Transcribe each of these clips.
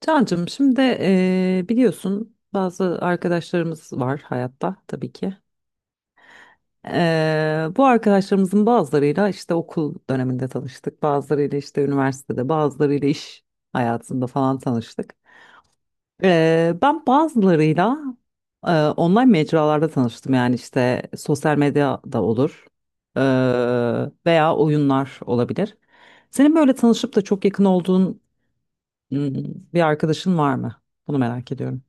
Cancığım şimdi biliyorsun bazı arkadaşlarımız var hayatta tabii ki. Bu arkadaşlarımızın bazılarıyla işte okul döneminde tanıştık. Bazılarıyla işte üniversitede, bazılarıyla iş hayatında falan tanıştık. Ben bazılarıyla online mecralarda tanıştım. Yani işte sosyal medya da olur veya oyunlar olabilir. Senin böyle tanışıp da çok yakın olduğun hmm, bir arkadaşın var mı? Bunu merak ediyorum.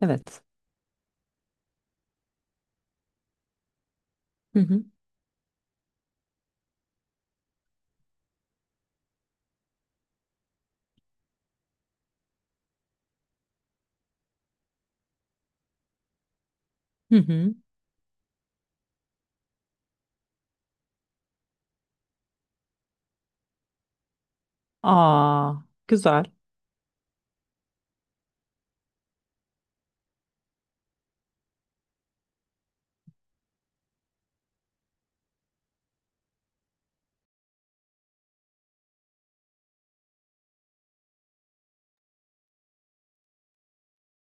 Evet. Hı hı. Hı hı. Aa, güzel.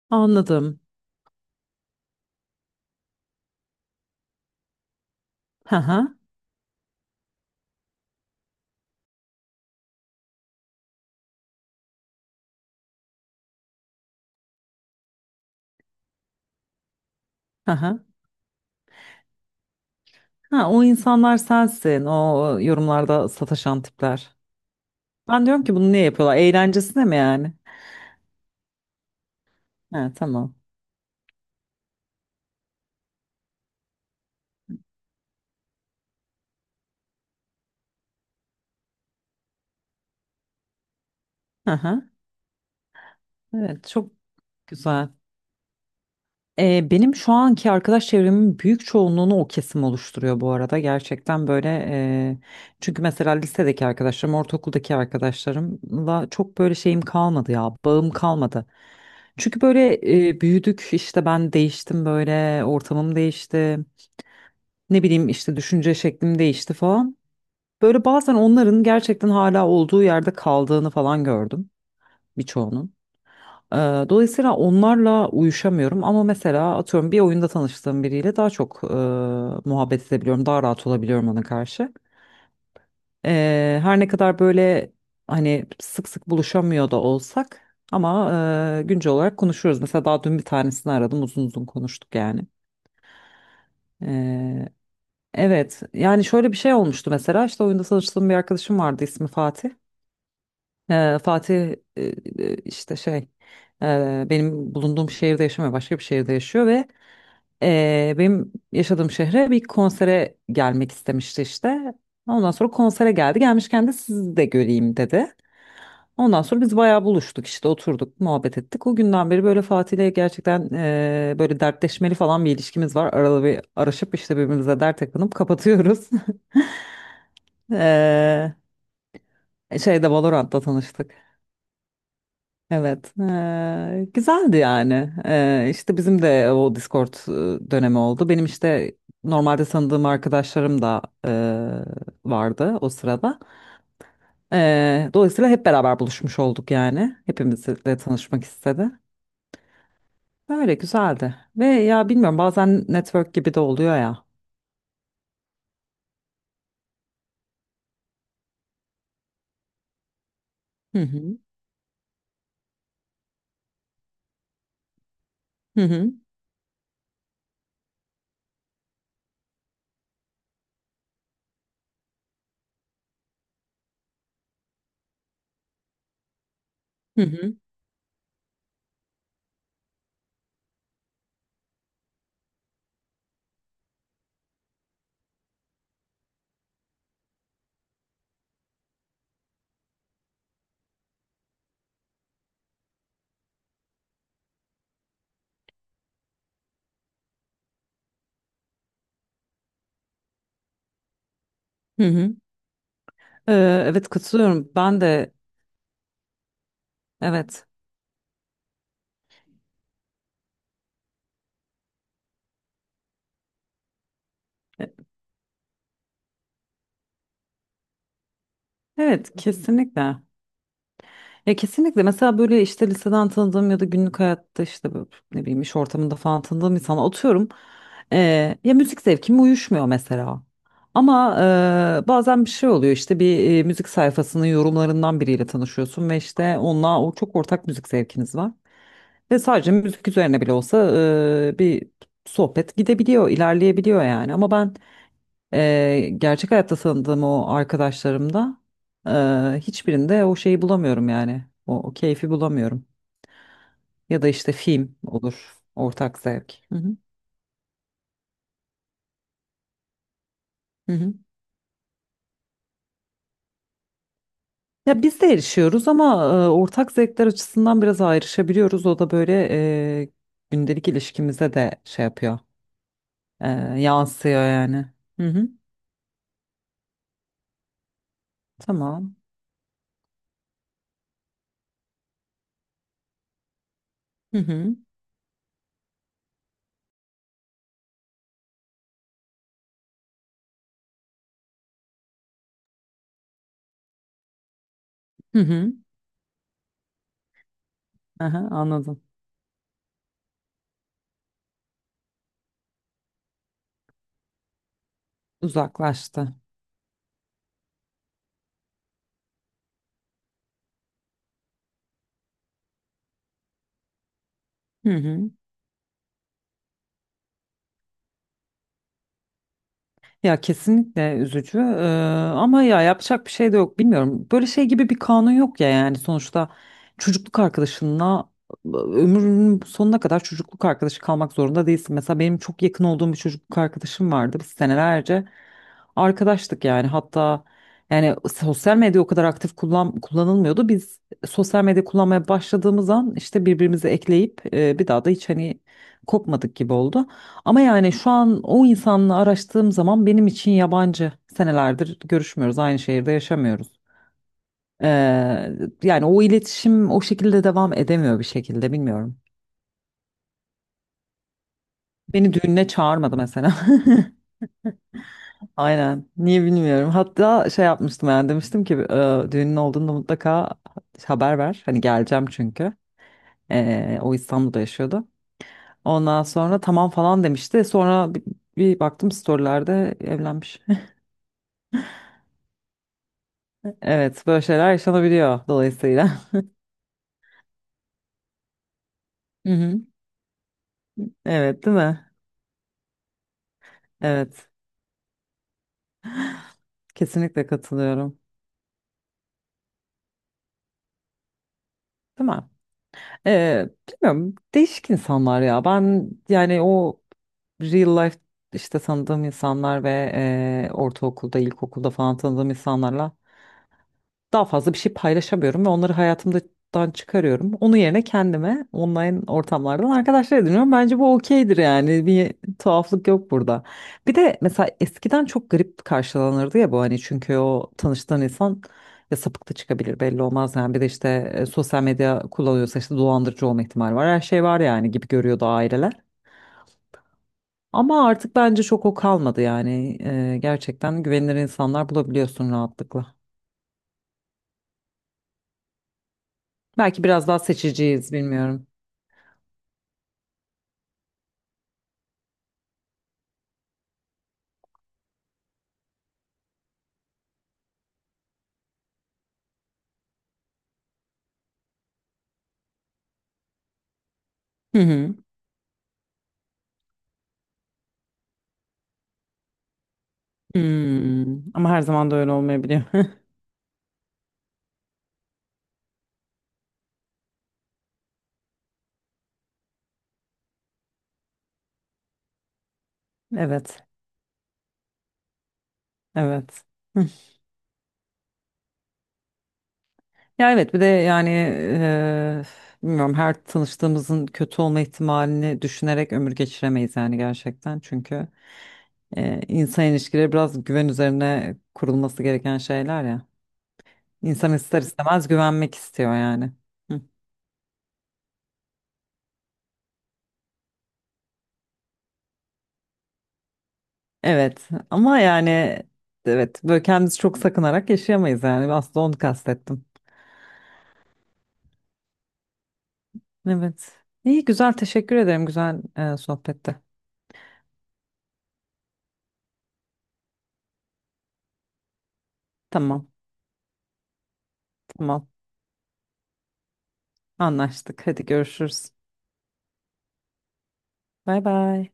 Anladım. Hı hı. Hı hı. Ha, o insanlar sensin. O yorumlarda sataşan tipler. Ben diyorum ki bunu niye yapıyorlar? Eğlencesine mi yani? Ha, tamam. Hı hı. Evet, çok güzel. Benim şu anki arkadaş çevremin büyük çoğunluğunu o kesim oluşturuyor bu arada. Gerçekten böyle e, çünkü mesela lisedeki arkadaşlarım, ortaokuldaki arkadaşlarımla çok böyle şeyim kalmadı ya, bağım kalmadı. Çünkü böyle büyüdük işte ben değiştim böyle ortamım değişti. Ne bileyim işte düşünce şeklim değişti falan. Böyle bazen onların gerçekten hala olduğu yerde kaldığını falan gördüm birçoğunun. Ee, Dolayısıyla onlarla uyuşamıyorum ama mesela atıyorum bir oyunda tanıştığım biriyle daha çok muhabbet edebiliyorum, daha rahat olabiliyorum ona karşı. Her ne kadar böyle hani sık sık buluşamıyor da olsak ama güncel olarak konuşuyoruz. Mesela daha dün bir tanesini aradım, uzun uzun konuştuk yani. Ee, evet, yani şöyle bir şey olmuştu mesela işte oyunda tanıştığım bir arkadaşım vardı ismi Fatih. Fatih e, işte şey benim bulunduğum şehirde yaşamıyor başka bir şehirde yaşıyor ve benim yaşadığım şehre bir konsere gelmek istemişti işte. Ondan sonra konsere geldi gelmişken de sizi de göreyim dedi. Ondan sonra biz bayağı buluştuk işte oturduk muhabbet ettik. O günden beri böyle Fatih'le gerçekten böyle dertleşmeli falan bir ilişkimiz var. Aralı bir araşıp işte birbirimize dert takınıp kapatıyoruz. E, Şeyde Valorant'ta tanıştık. Evet, güzeldi yani. İşte bizim de o Discord dönemi oldu. Benim işte normalde tanıdığım arkadaşlarım da vardı o sırada. Dolayısıyla hep beraber buluşmuş olduk yani. Hepimizle tanışmak istedi. Böyle güzeldi. Ve ya bilmiyorum bazen network gibi de oluyor ya. Hı hı, hı hı, hı hı, hı hı. Evet katılıyorum. Ben de evet. E, Evet kesinlikle. Ya kesinlikle mesela böyle işte liseden tanıdığım ya da günlük hayatta işte böyle ne bileyim iş ortamında falan tanıdığım insana atıyorum. Ya müzik zevkim uyuşmuyor mesela. Ama bazen bir şey oluyor işte bir müzik sayfasının yorumlarından biriyle tanışıyorsun ve işte onunla o çok ortak müzik zevkiniz var. Ve sadece müzik üzerine bile olsa bir sohbet gidebiliyor, ilerleyebiliyor yani. Ama ben Gerçek hayatta tanıdığım o arkadaşlarımda hiçbirinde o şeyi bulamıyorum yani. O keyfi bulamıyorum. Ya da işte film olur. Ortak zevk. Hı hı. Hı hı. Ya biz de erişiyoruz ama ortak zevkler açısından biraz ayrışabiliyoruz. O da böyle gündelik ilişkimize de şey yapıyor. Eee, Yansıyor yani. Hı hı. Tamam. Hı hı. Hı hı. Aha, anladım. Uzaklaştı. Hı hı. Ya kesinlikle üzücü. Ama ya yapacak bir şey de yok bilmiyorum. Böyle şey gibi bir kanun yok ya yani sonuçta çocukluk arkadaşınla ömrünün sonuna kadar çocukluk arkadaşı kalmak zorunda değilsin. Mesela benim çok yakın olduğum bir çocukluk arkadaşım vardı. Biz senelerce arkadaştık yani hatta yani sosyal medya o kadar aktif kullanılmıyordu. Biz sosyal medya kullanmaya başladığımız an işte birbirimizi ekleyip bir daha da hiç hani kopmadık gibi oldu. Ama yani şu an o insanla araştığım zaman benim için yabancı. Senelerdir görüşmüyoruz, aynı şehirde yaşamıyoruz. Ee, Yani o iletişim o şekilde devam edemiyor bir şekilde bilmiyorum. Beni düğününe çağırmadı mesela. Aynen. Niye bilmiyorum. Hatta şey yapmıştım yani demiştim ki düğünün olduğunda mutlaka haber ver. Hani geleceğim çünkü. O İstanbul'da yaşıyordu. Ondan sonra tamam falan demişti. Sonra bir baktım storylerde evlenmiş. Evet, böyle şeyler yaşanabiliyor dolayısıyla. Hı hı. Evet, değil mi? Evet, kesinlikle katılıyorum. Değil mi? Bilmiyorum, değişik insanlar ya. Ben yani o real life işte tanıdığım insanlar ve ortaokulda, ilkokulda falan tanıdığım insanlarla daha fazla bir şey paylaşamıyorum ve onları hayatımdan çıkarıyorum. Onun yerine kendime online ortamlardan arkadaşlar ediniyorum. Bence bu okeydir yani. Bir tuhaflık yok burada. Bir de mesela eskiden çok garip karşılanırdı ya bu hani çünkü o tanıştığın insan ya sapık da çıkabilir belli olmaz yani bir de işte sosyal medya kullanıyorsa işte dolandırıcı olma ihtimali var her şey var yani gibi görüyordu aileler. Ama artık bence çok o kalmadı yani. Gerçekten güvenilir insanlar bulabiliyorsun rahatlıkla. Belki biraz daha seçiciyiz bilmiyorum. Hı hı. Hmm. Ama her zaman da öyle olmayabiliyor. Evet. Evet. Hı. Ya evet bir de yani bilmiyorum her tanıştığımızın kötü olma ihtimalini düşünerek ömür geçiremeyiz yani gerçekten. Çünkü insan ilişkileri biraz güven üzerine kurulması gereken şeyler ya. İnsan ister istemez güvenmek istiyor yani. Hı. Evet ama yani evet böyle kendimizi çok sakınarak yaşayamayız yani aslında onu kastettim. Evet. İyi güzel teşekkür ederim güzel sohbette. Tamam tamam anlaştık. Hadi görüşürüz. Bay bay.